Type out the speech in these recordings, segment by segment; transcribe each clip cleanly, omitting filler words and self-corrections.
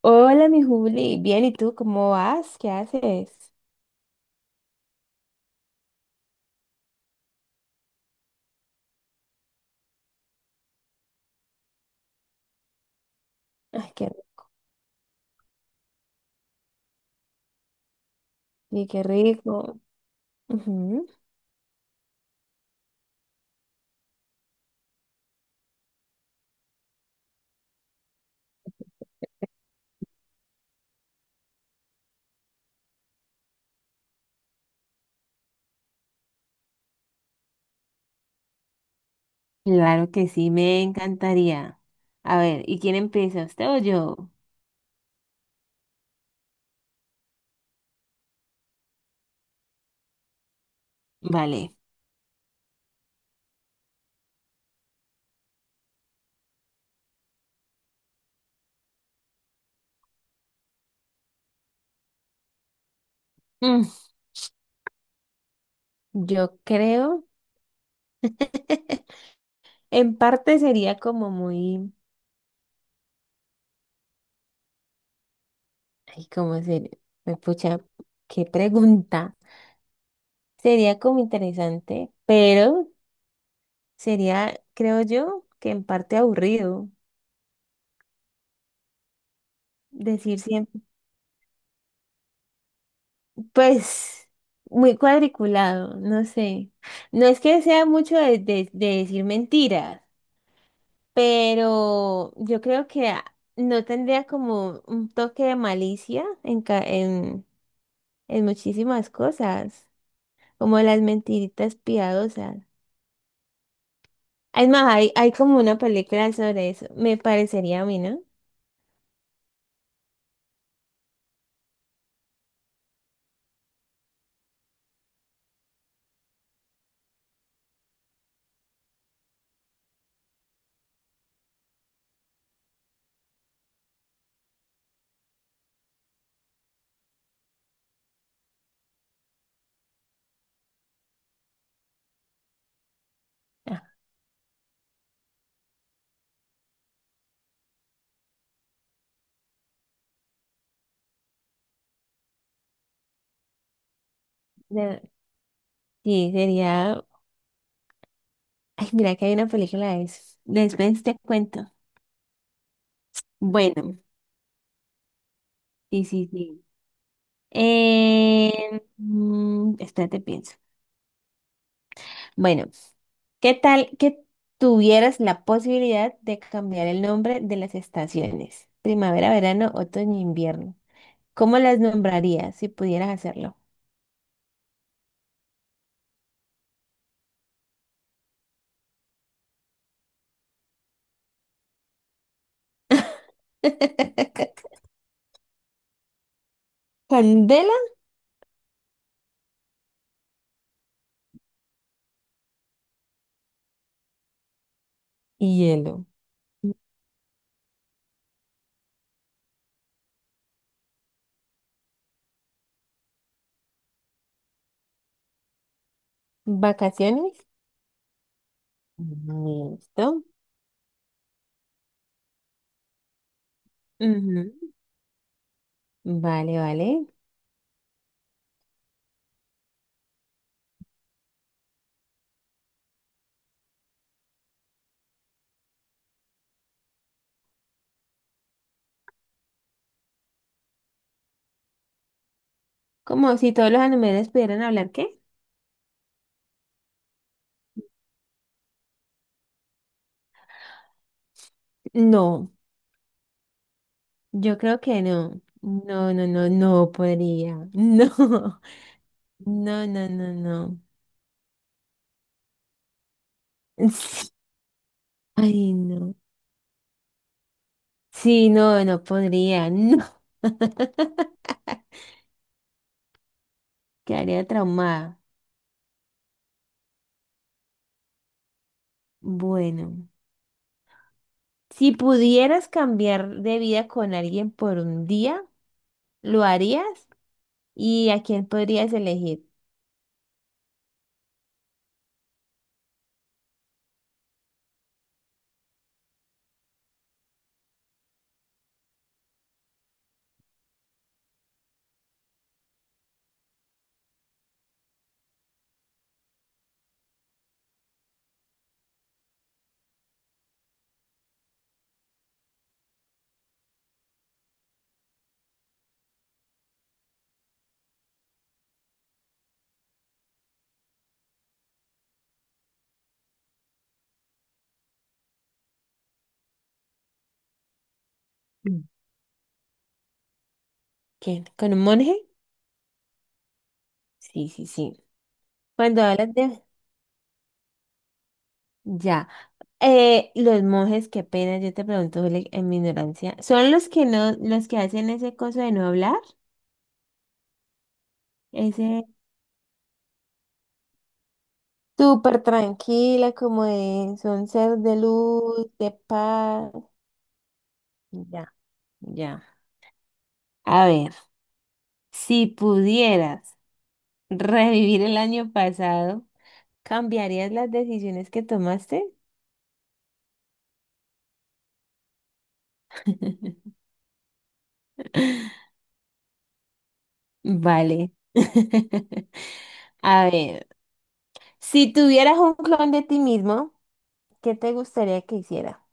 Hola, mi Juli. Bien, ¿y tú cómo vas? ¿Qué haces? Ay, qué, qué rico. Ujú. Claro que sí, me encantaría. A ver, ¿y quién empieza, usted o yo? Vale. Mm, Yo creo, en parte sería como muy, ay, cómo se, me pucha, qué pregunta. Sería como interesante, pero sería, creo yo, que en parte aburrido decir siempre. Pues muy cuadriculado, no sé. No es que sea mucho de, de decir mentiras, pero yo creo que no tendría como un toque de malicia en, en muchísimas cosas, como las mentiritas piadosas. Es más, hay como una película sobre eso, me parecería a mí, ¿no? Ah, de- sí, sería... Ay, mira que hay una película de eso. Después te cuento. Bueno, sí, sí, sí. Eh, espérate, pienso. Bueno, ¿qué tal que tuvieras la posibilidad de cambiar el nombre de las estaciones? Primavera, verano, otoño, invierno. ¿Cómo las nombrarías si pudieras hacerlo? Candela y hielo. ¿Vacaciones? Listo. Ujú. Vale, vale. Como si todos los animales pudieran hablar, ¿qué? No, yo creo que no. No, no, no, no podría. No. No, no, no, no. Ay, no. Sí, no, no podría. No. Quedaría traumada. Bueno, si pudieras cambiar de vida con alguien por un día, ¿lo harías? ¿Y a quién podrías elegir? Mm. ¿Quién? ¿Con un monje? Sí, sí, sí. Cuando hablas de... Ya. Los monjes, qué pena, yo te pregunto Juli, en mi ignorancia. ¿Son los que no, los que hacen ese coso de no hablar? Ese... Súper tranquila, como de son ser de luz, de paz. Ya, ya. A ver, si pudieras revivir el año pasado, ¿cambiarías las decisiones que tomaste? Vale. A ver, si tuvieras un clon de ti mismo, ¿qué te gustaría que hiciera?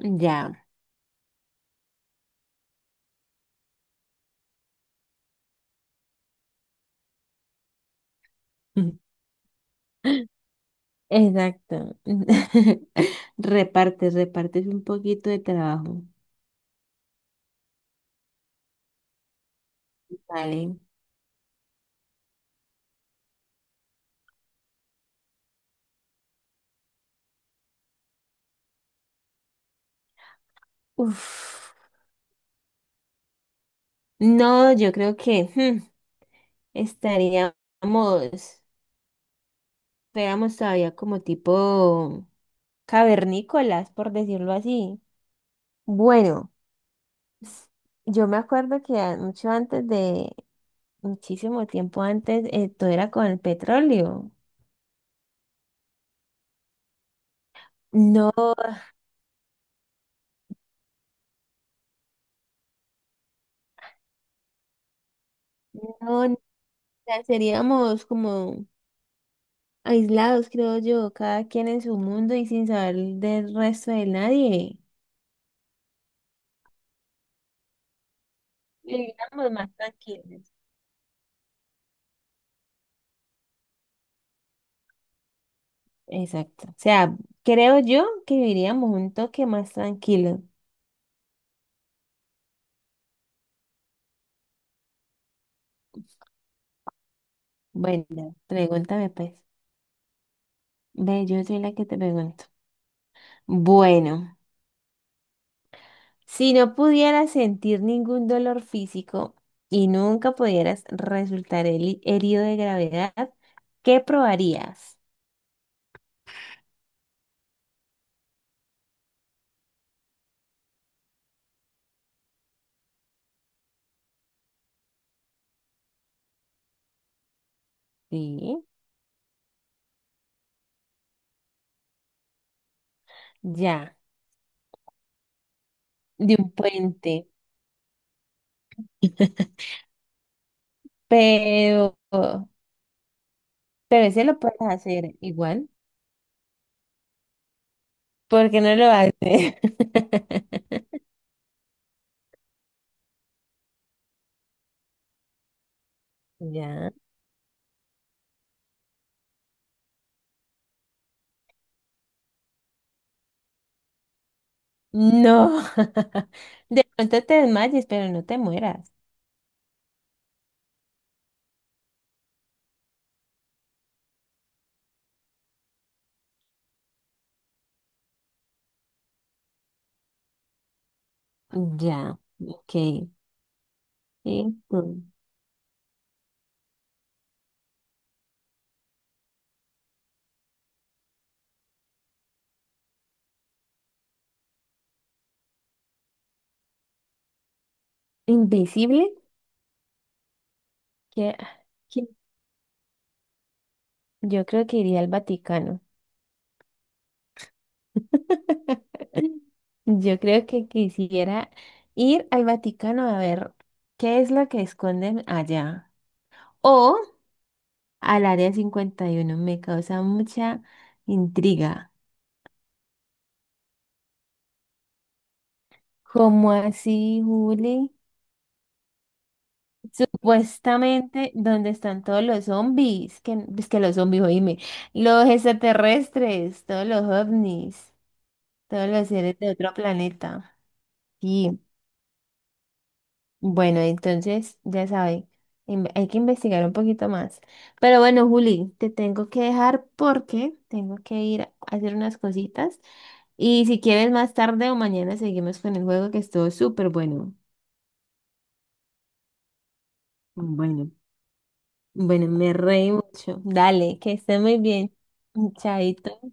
Ya. Exacto. Repartes, repartes un poquito de trabajo. Vale. Uf. No, yo creo que hmm, estaríamos, fuéramos todavía como tipo cavernícolas, por decirlo así. Bueno, s- yo me acuerdo que mucho antes de, muchísimo tiempo antes, todo era con el petróleo. No, no, o sea, seríamos como aislados, creo yo, cada quien en su mundo y sin saber del resto de nadie. Vivíamos más tranquilos. Exacto. O sea, creo yo que viviríamos un toque más tranquilo. Bueno, pregúntame pues. Ve, yo soy la que te pregunto. Bueno, si no pudieras sentir ningún dolor físico y nunca pudieras resultar herido de gravedad, ¿qué probarías? Sí, ya, de un puente, pero ese lo puedes hacer igual, porque no lo haces. Ya. No, de pronto te desmayes, pero no te mueras. Ya, ok. Entonces, ¿invisible? ¿Qué- qué? Yo creo que iría al Vaticano. Yo creo que quisiera ir al Vaticano a ver qué es lo que esconden allá. O al Área 51. Me causa mucha intriga. ¿Cómo así, Juli? Supuestamente, ¿donde están todos los zombies? Que, es que los zombies, oíme. Los extraterrestres, todos los ovnis, todos los seres de otro planeta. Y bueno, entonces, ya sabe, hay que investigar un poquito más. Pero bueno, Juli, te tengo que dejar porque tengo que ir a hacer unas cositas. Y si quieres, más tarde o mañana seguimos con el juego que estuvo súper bueno. Bueno. Bueno, me reí mucho. Dale, que esté muy bien. Chaito.